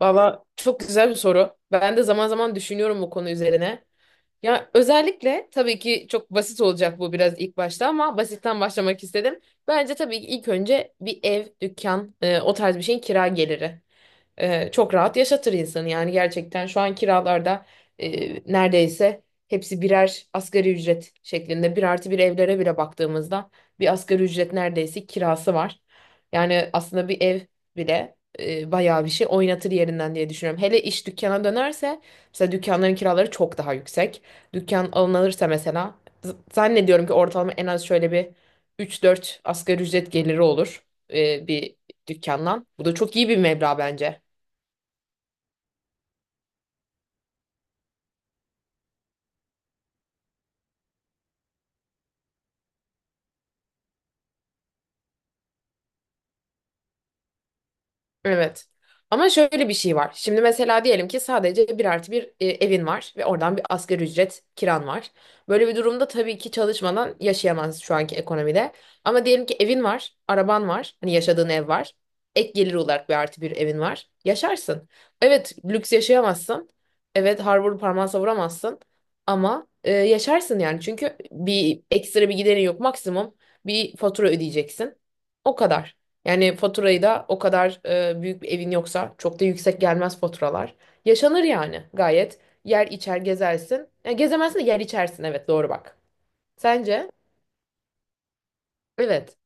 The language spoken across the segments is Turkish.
Valla çok güzel bir soru. Ben de zaman zaman düşünüyorum bu konu üzerine. Ya özellikle tabii ki çok basit olacak bu biraz ilk başta ama basitten başlamak istedim. Bence tabii ki ilk önce bir ev, dükkan, o tarz bir şeyin kira geliri. Çok rahat yaşatır insanı yani gerçekten şu an kiralarda neredeyse hepsi birer asgari ücret şeklinde bir artı bir evlere bile baktığımızda bir asgari ücret neredeyse kirası var. Yani aslında bir ev bile bayağı bir şey oynatır yerinden diye düşünüyorum. Hele iş dükkana dönerse mesela dükkanların kiraları çok daha yüksek. Dükkan alınırsa mesela zannediyorum ki ortalama en az şöyle bir üç dört asgari ücret geliri olur bir dükkandan. Bu da çok iyi bir meblağ bence. Evet. Ama şöyle bir şey var. Şimdi mesela diyelim ki sadece bir artı bir evin var ve oradan bir asgari ücret kiran var. Böyle bir durumda tabii ki çalışmadan yaşayamazsın şu anki ekonomide. Ama diyelim ki evin var, araban var, hani yaşadığın ev var. Ek gelir olarak bir artı bir evin var. Yaşarsın. Evet, lüks yaşayamazsın. Evet, harbur parmağı savuramazsın. Ama yaşarsın yani. Çünkü bir ekstra bir giderin yok. Maksimum bir fatura ödeyeceksin. O kadar. Yani faturayı da o kadar büyük bir evin yoksa çok da yüksek gelmez faturalar. Yaşanır yani gayet. Yer içer gezersin. Yani gezemezsin de yer içersin, evet, doğru bak. Sence? Evet.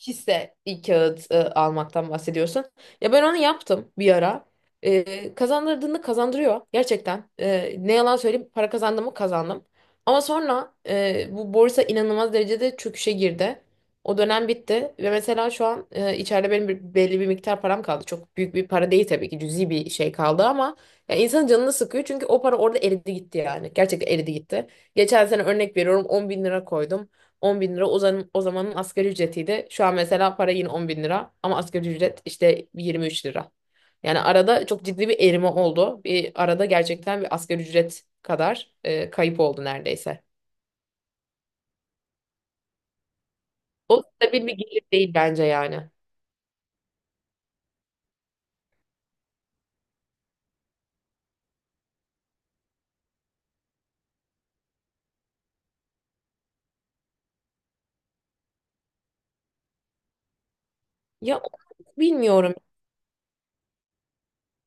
Hisse bir kağıt almaktan bahsediyorsun. Ya ben onu yaptım bir ara. Kazandırdığını kazandırıyor gerçekten. Ne yalan söyleyeyim, para kazandım mı kazandım. Ama sonra bu borsa inanılmaz derecede çöküşe girdi. O dönem bitti ve mesela şu an içeride benim belli bir miktar param kaldı. Çok büyük bir para değil tabii ki, cüzi bir şey kaldı ama ya insanın canını sıkıyor çünkü o para orada eridi gitti yani. Gerçekten eridi gitti. Geçen sene örnek veriyorum 10 bin lira koydum. 10 bin lira o zaman, o zamanın asgari ücretiydi. Şu an mesela para yine 10 bin lira ama asgari ücret işte 23 lira. Yani arada çok ciddi bir erime oldu. Bir arada gerçekten bir asgari ücret kadar kayıp oldu neredeyse. O stabil bir gelir değil bence yani. Ya bilmiyorum.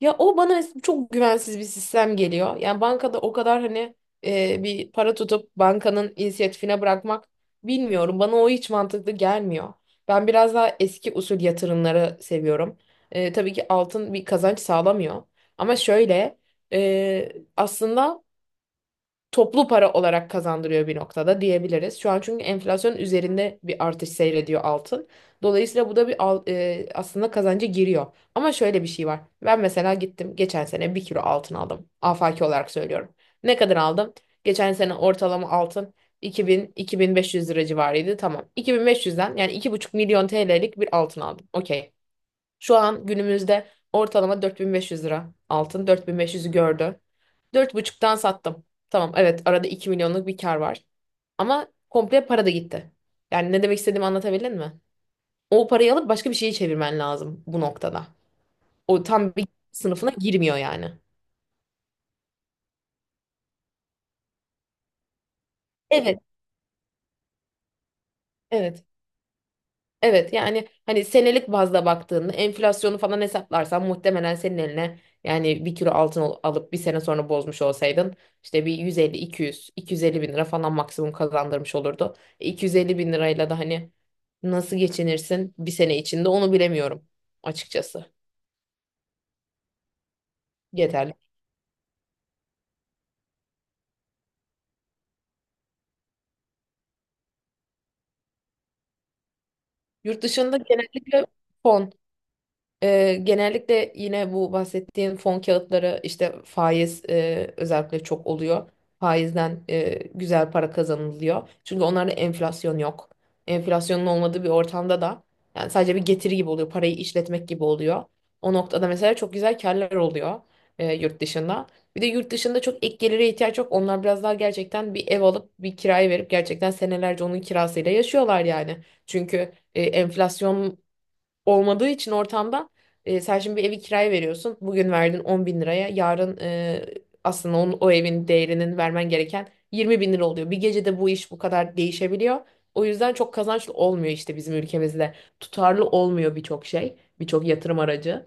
Ya o bana çok güvensiz bir sistem geliyor. Yani bankada o kadar hani bir para tutup bankanın inisiyatifine bırakmak bilmiyorum. Bana o hiç mantıklı gelmiyor. Ben biraz daha eski usul yatırımları seviyorum. Tabii ki altın bir kazanç sağlamıyor. Ama şöyle e, aslında toplu para olarak kazandırıyor bir noktada diyebiliriz. Şu an çünkü enflasyon üzerinde bir artış seyrediyor altın. Dolayısıyla bu da bir aslında kazancı giriyor. Ama şöyle bir şey var. Ben mesela gittim geçen sene bir kilo altın aldım. Afaki olarak söylüyorum. Ne kadar aldım? Geçen sene ortalama altın 2000-2500 lira civarıydı. Tamam. 2500'den yani 2,5 milyon TL'lik bir altın aldım. Okey. Şu an günümüzde ortalama 4500 lira altın. 4500'ü gördü. 4,5'tan sattım. Tamam, evet, arada 2 milyonluk bir kar var. Ama komple para da gitti. Yani ne demek istediğimi anlatabildim mi? O parayı alıp başka bir şeye çevirmen lazım bu noktada. O tam bir sınıfına girmiyor yani. Evet, evet. Evet, yani hani senelik bazda baktığında enflasyonu falan hesaplarsan muhtemelen senin eline yani bir kilo altın alıp bir sene sonra bozmuş olsaydın işte bir 150-200, 250 bin lira falan maksimum kazandırmış olurdu. 250 bin lirayla da hani nasıl geçinirsin bir sene içinde onu bilemiyorum açıkçası. Yeterli. Yurt dışında genellikle fon. Genellikle yine bu bahsettiğin fon kağıtları işte faiz özellikle çok oluyor. Faizden güzel para kazanılıyor. Çünkü onlarda enflasyon yok. Enflasyonun olmadığı bir ortamda da yani sadece bir getiri gibi oluyor. Parayı işletmek gibi oluyor. O noktada mesela çok güzel karlar oluyor yurt dışında. Bir de yurt dışında çok ek gelire ihtiyaç yok. Onlar biraz daha gerçekten bir ev alıp bir kiraya verip gerçekten senelerce onun kirasıyla yaşıyorlar yani. Çünkü enflasyon olmadığı için ortamda sen şimdi bir evi kiraya veriyorsun. Bugün verdin 10 bin liraya. Yarın aslında onun, o evin değerinin vermen gereken 20 bin lira oluyor. Bir gecede bu iş bu kadar değişebiliyor. O yüzden çok kazançlı olmuyor işte bizim ülkemizde. Tutarlı olmuyor birçok şey, birçok yatırım aracı.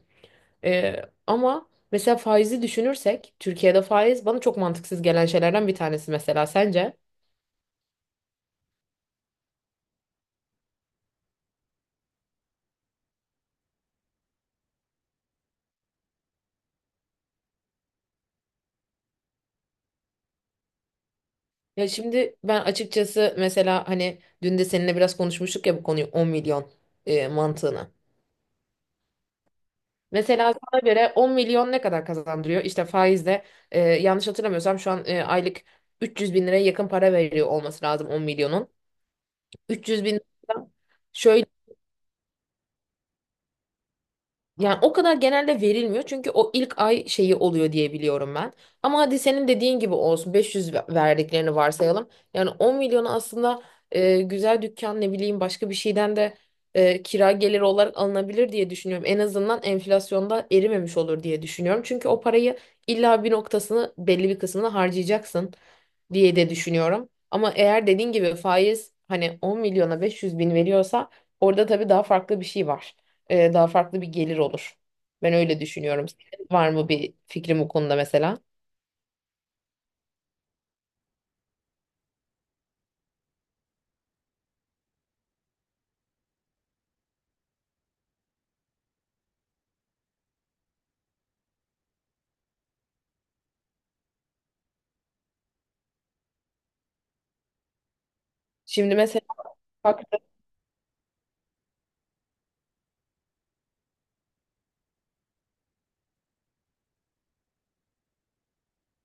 Ama mesela faizi düşünürsek Türkiye'de faiz bana çok mantıksız gelen şeylerden bir tanesi mesela, sence? Ya şimdi ben açıkçası mesela hani dün de seninle biraz konuşmuştuk ya bu konuyu 10 milyon mantığını. Mesela sana göre 10 milyon ne kadar kazandırıyor? İşte faizle yanlış hatırlamıyorsam şu an aylık 300 bin liraya yakın para veriyor olması lazım 10 milyonun. 300 bin lira. Şöyle. Yani o kadar genelde verilmiyor çünkü o ilk ay şeyi oluyor diye biliyorum ben. Ama hadi senin dediğin gibi olsun 500 verdiklerini varsayalım. Yani 10 milyonu aslında güzel dükkan ne bileyim başka bir şeyden de kira geliri olarak alınabilir diye düşünüyorum. En azından enflasyonda erimemiş olur diye düşünüyorum. Çünkü o parayı illa bir noktasını belli bir kısmını harcayacaksın diye de düşünüyorum. Ama eğer dediğin gibi faiz hani 10 milyona 500 bin veriyorsa orada tabii daha farklı bir şey var. Daha farklı bir gelir olur. Ben öyle düşünüyorum. Senin var mı bir fikrim bu konuda mesela? Şimdi mesela bak.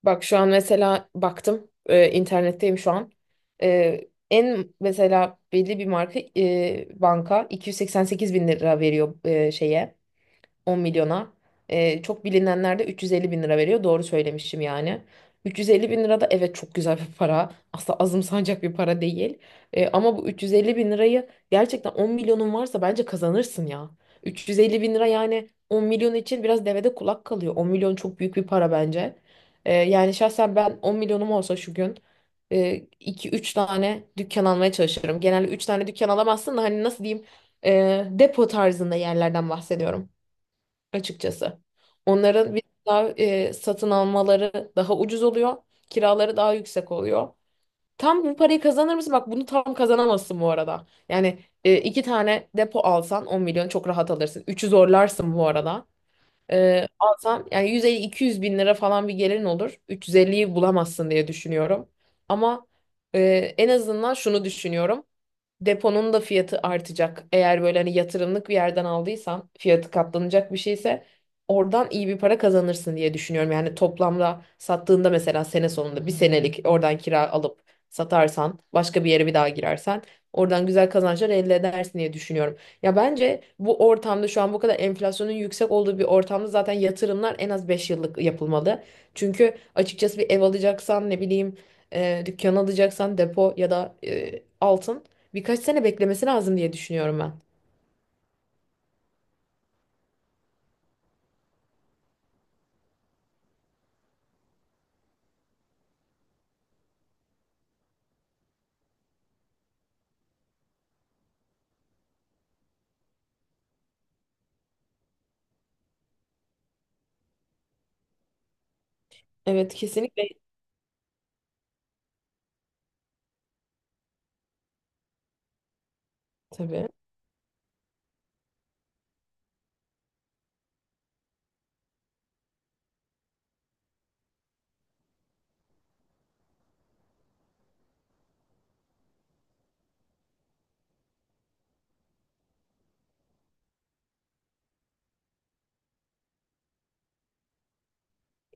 Bak şu an mesela baktım, internetteyim şu an. E, en mesela belli bir marka banka 288 bin lira veriyor şeye 10 milyona. Çok bilinenler de 350 bin lira veriyor. Doğru söylemişim yani. 350 bin lira da evet çok güzel bir para. Asla azımsanacak bir para değil. Ama bu 350 bin lirayı gerçekten 10 milyonun varsa bence kazanırsın ya. 350 bin lira yani 10 milyon için biraz devede kulak kalıyor. 10 milyon çok büyük bir para bence. Yani şahsen ben 10 milyonum olsa şu gün iki üç tane dükkan almaya çalışırım. Genelde 3 tane dükkan alamazsın da hani nasıl diyeyim depo tarzında yerlerden bahsediyorum açıkçası. Onların bir daha satın almaları daha ucuz oluyor. Kiraları daha yüksek oluyor. Tam bu parayı kazanır mısın? Bak, bunu tam kazanamazsın bu arada. Yani iki tane depo alsan 10 milyon çok rahat alırsın. Üçü zorlarsın bu arada. Alsan yani 150-200 bin lira falan bir gelirin olur. 350'yi bulamazsın diye düşünüyorum. Ama e, en azından şunu düşünüyorum deponun da fiyatı artacak. Eğer böyle hani yatırımlık bir yerden aldıysan fiyatı katlanacak bir şeyse oradan iyi bir para kazanırsın diye düşünüyorum. Yani toplamda sattığında mesela sene sonunda bir senelik oradan kira alıp satarsan başka bir yere bir daha girersen oradan güzel kazançlar elde edersin diye düşünüyorum. Ya bence bu ortamda şu an bu kadar enflasyonun yüksek olduğu bir ortamda zaten yatırımlar en az 5 yıllık yapılmalı. Çünkü açıkçası bir ev alacaksan ne bileyim dükkan alacaksan depo ya da altın. Birkaç sene beklemesi lazım diye düşünüyorum ben. Evet, kesinlikle, tabii.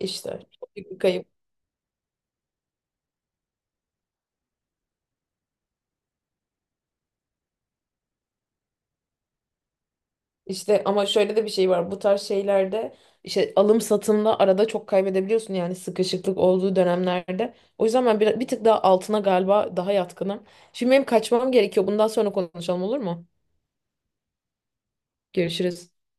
İşte çok büyük bir kayıp. İşte ama şöyle de bir şey var. Bu tarz şeylerde işte alım satımda arada çok kaybedebiliyorsun yani sıkışıklık olduğu dönemlerde. O yüzden ben bir tık daha altına galiba daha yatkınım. Şimdi benim kaçmam gerekiyor. Bundan sonra konuşalım, olur mu? Görüşürüz.